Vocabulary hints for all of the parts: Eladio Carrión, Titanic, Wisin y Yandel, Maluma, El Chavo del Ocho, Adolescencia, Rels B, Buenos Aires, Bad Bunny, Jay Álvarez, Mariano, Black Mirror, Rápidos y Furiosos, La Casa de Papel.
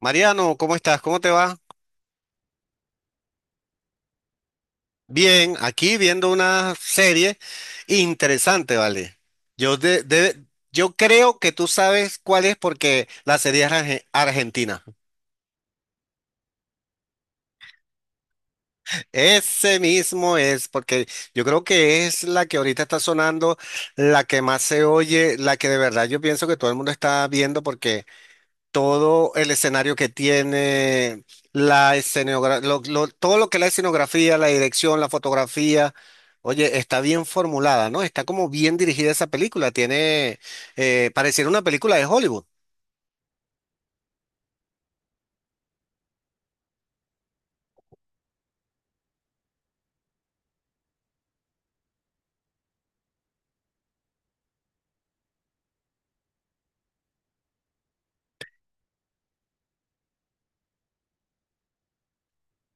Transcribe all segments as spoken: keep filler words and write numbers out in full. Mariano, ¿cómo estás? ¿Cómo te va? Bien, aquí viendo una serie interesante, ¿vale? Yo, de- de- yo creo que tú sabes cuál es porque la serie es arge- argentina. Ese mismo es, porque yo creo que es la que ahorita está sonando, la que más se oye, la que de verdad yo pienso que todo el mundo está viendo porque todo el escenario que tiene, la escenografía, todo lo que es la escenografía, la dirección, la fotografía. Oye, está bien formulada, ¿no? Está como bien dirigida esa película. Tiene, eh, pareciera una película de Hollywood.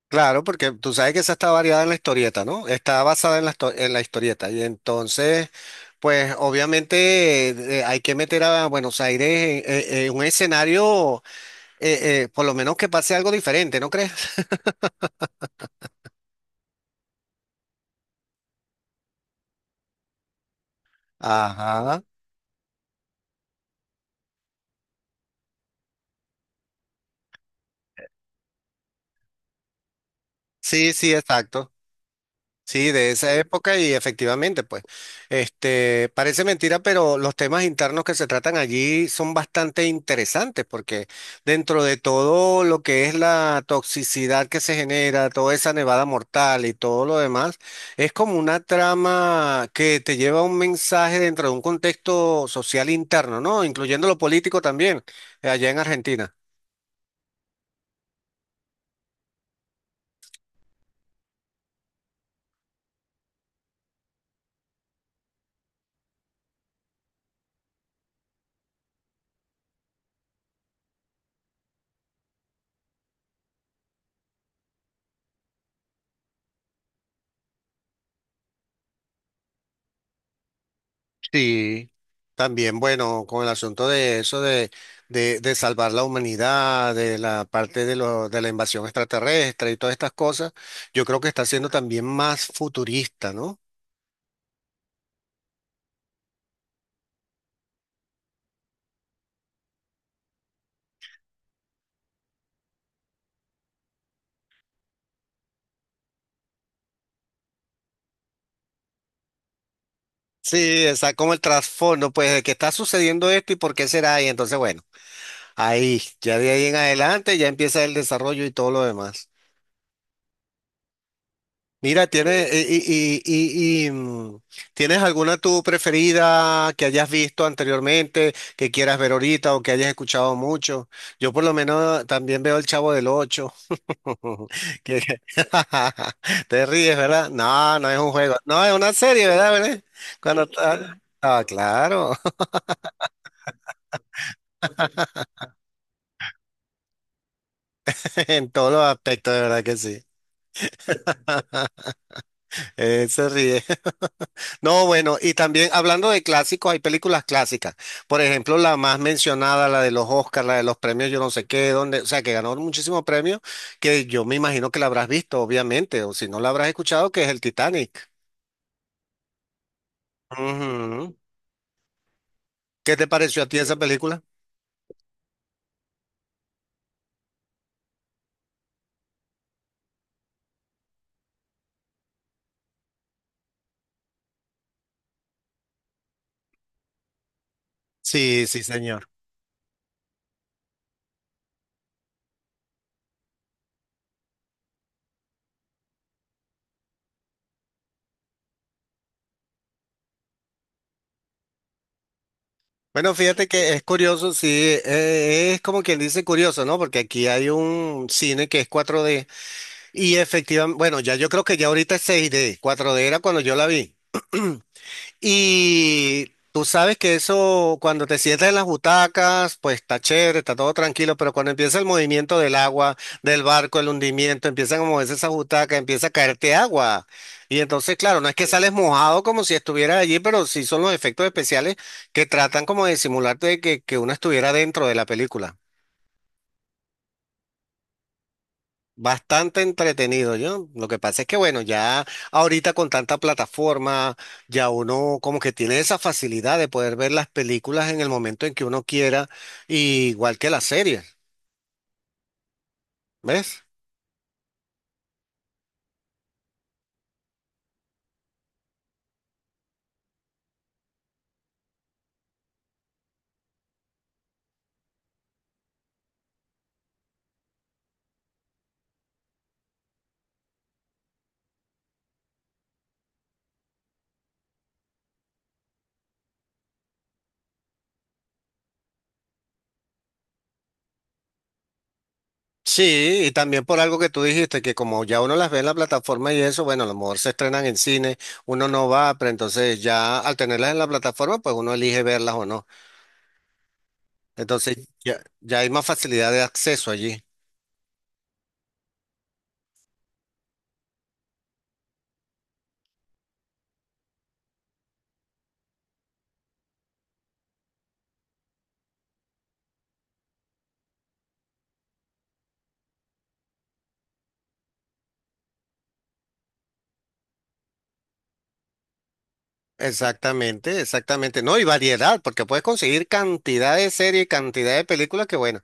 Claro, porque tú sabes que esa está variada en la historieta, ¿no? Está basada en la, histo- en la historieta. Y entonces, pues obviamente eh, eh, hay que meter a Buenos Aires en, en- en un escenario, eh, eh, por lo menos que pase algo diferente, ¿no crees? Ajá. Sí, sí, exacto. Sí, de esa época y efectivamente, pues, este, parece mentira, pero los temas internos que se tratan allí son bastante interesantes porque dentro de todo lo que es la toxicidad que se genera, toda esa nevada mortal y todo lo demás, es como una trama que te lleva a un mensaje dentro de un contexto social interno, ¿no? Incluyendo lo político también, eh, allá en Argentina. Sí, también, bueno, con el asunto de eso, de, de, de salvar la humanidad, de la parte de, lo, de la invasión extraterrestre y todas estas cosas, yo creo que está siendo también más futurista, ¿no? Sí, está como el trasfondo, pues, de que está sucediendo esto y por qué será, y entonces, bueno, ahí, ya de ahí en adelante ya empieza el desarrollo y todo lo demás. Mira, ¿tienes, y, y- y- y, mm, ¿tienes alguna tu preferida que hayas visto anteriormente, que quieras ver ahorita o que hayas escuchado mucho? Yo por lo menos también veo El Chavo del Ocho. Que- que- Te ríes, ¿verdad? No, no es un juego. No, es una serie, ¿verdad? ¿Verdad? Cuando está- Ah, claro. En todos los aspectos, de verdad que sí. Eh, se ríe. No, bueno, y también hablando de clásicos, hay películas clásicas. Por ejemplo, la más mencionada, la de los Oscars, la de los premios, yo no sé qué, donde, o sea, que ganó muchísimos premios, que yo me imagino que la habrás visto, obviamente, o si no la habrás escuchado, que es el Titanic. Ujú. ¿Qué te pareció a ti esa película? Sí, sí, señor. Bueno, fíjate que es curioso, sí, eh, es como quien dice curioso, ¿no? Porque aquí hay un cine que es cuatro de y efectivamente, bueno, ya yo creo que ya ahorita es seis de, cuatro de era cuando yo la vi. Y tú sabes que eso, cuando te sientas en las butacas, pues está chévere, está todo tranquilo, pero cuando empieza el movimiento del agua, del barco, el hundimiento, empiezan a moverse esas butacas, empieza a caerte agua. Y entonces, claro, no es que sales mojado como si estuvieras allí, pero sí son los efectos especiales que tratan como de simularte que, que uno estuviera dentro de la película. Bastante entretenido, yo. Lo que pasa es que, bueno, ya ahorita con tanta plataforma, ya uno como que tiene esa facilidad de poder ver las películas en el momento en que uno quiera, y igual que las series, ¿ves? Sí, y también por algo que tú dijiste, que como ya uno las ve en la plataforma y eso, bueno, a lo mejor se estrenan en cine, uno no va, pero entonces ya al tenerlas en la plataforma, pues uno elige verlas o no. Entonces ya, ya hay más facilidad de acceso allí. Exactamente, exactamente. No, y variedad, porque puedes conseguir cantidad de series y cantidad de películas que bueno,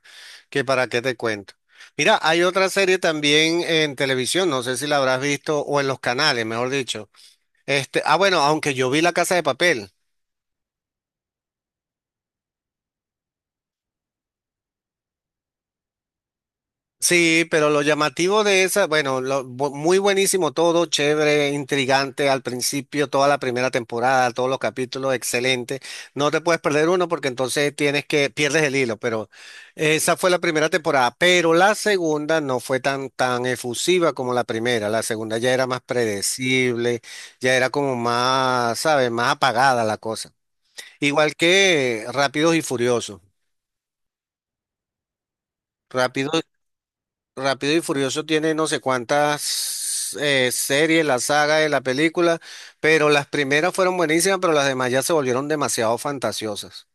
que para qué te cuento. Mira, hay otra serie también en televisión, no sé si la habrás visto, o en los canales, mejor dicho. Este, ah, bueno, aunque yo vi La Casa de Papel. Sí, pero lo llamativo de esa, bueno, lo bu- muy buenísimo todo, chévere, intrigante al principio, toda la primera temporada, todos los capítulos, excelente. No te puedes perder uno porque entonces tienes que, pierdes el hilo, pero esa fue la primera temporada, pero la segunda no fue tan, tan efusiva como la primera. La segunda ya era más predecible, ya era como más, ¿sabes? Más apagada la cosa. Igual que Rápidos y Furiosos. Rápidos Rápido y Furioso tiene no sé cuántas eh, series, la saga de la película, pero las primeras fueron buenísimas, pero las demás ya se volvieron demasiado fantasiosas.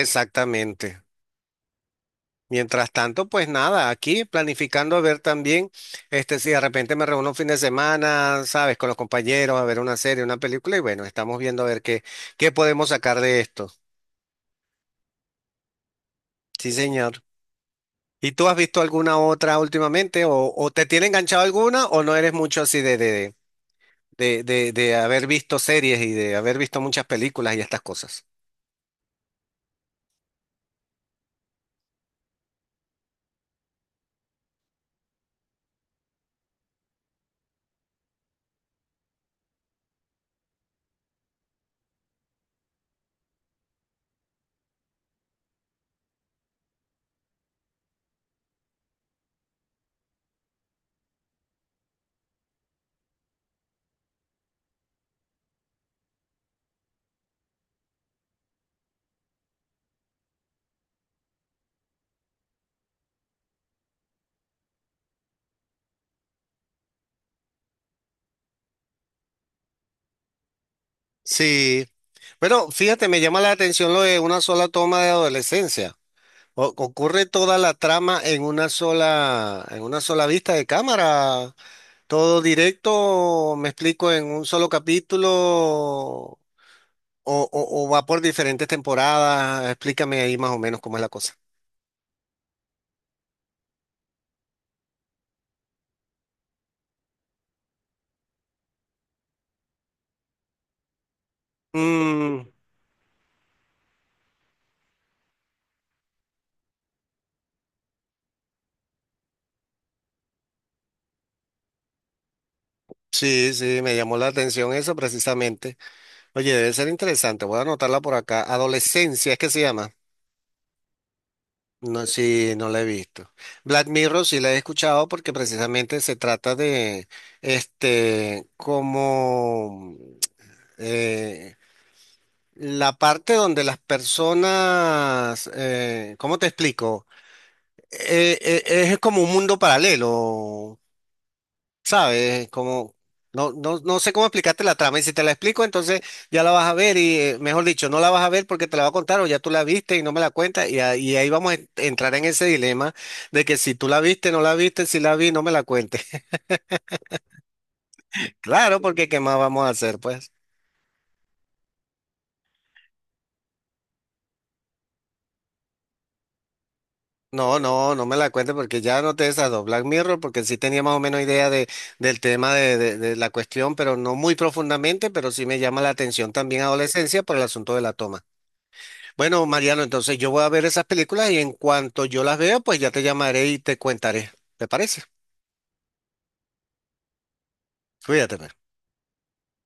Exactamente. Mientras tanto, pues nada, aquí planificando a ver también, este, si de repente me reúno un fin de semana, sabes, con los compañeros a ver una serie, una película, y bueno, estamos viendo a ver qué, qué podemos sacar de esto. Sí, señor. ¿Y tú has visto alguna otra últimamente? ¿O, o te tiene enganchado alguna o no eres mucho así de, de, de de, de, de haber visto series y de haber visto muchas películas y estas cosas. Sí. Bueno, fíjate, me llama la atención lo de una sola toma de adolescencia. O- ocurre toda la trama en una sola, en una sola vista de cámara. Todo directo, me explico, en un solo capítulo o, o- o va por diferentes temporadas. Explícame ahí más o menos cómo es la cosa. Mm, sí, sí, me llamó la atención eso precisamente. Oye, debe ser interesante. Voy a anotarla por acá. Adolescencia, es que se llama. No, sí, no la he visto. Black Mirror sí la he escuchado porque precisamente se trata de, este, como eh, la parte donde las personas, eh, ¿cómo te explico? Eh, eh, es como un mundo paralelo, ¿sabes? Como, no, no, no sé cómo explicarte la trama. Y si te la explico, entonces ya la vas a ver y, eh, mejor dicho, no la vas a ver porque te la va a contar o ya tú la viste y no me la cuentas. Y, a- y ahí vamos a en- entrar en ese dilema de que si tú la viste, no la viste, si la vi, no me la cuentes. Claro, porque ¿qué más vamos a hacer, pues? No, no, no me la cuentes porque ya no te desado Black Mirror, porque sí tenía más o menos idea de, del tema de, de, de la cuestión, pero no muy profundamente, pero sí me llama la atención también adolescencia por el asunto de la toma. Bueno, Mariano, entonces yo voy a ver esas películas y en cuanto yo las vea, pues ya te llamaré y te contaré. ¿Te parece? Cuídate. Pues.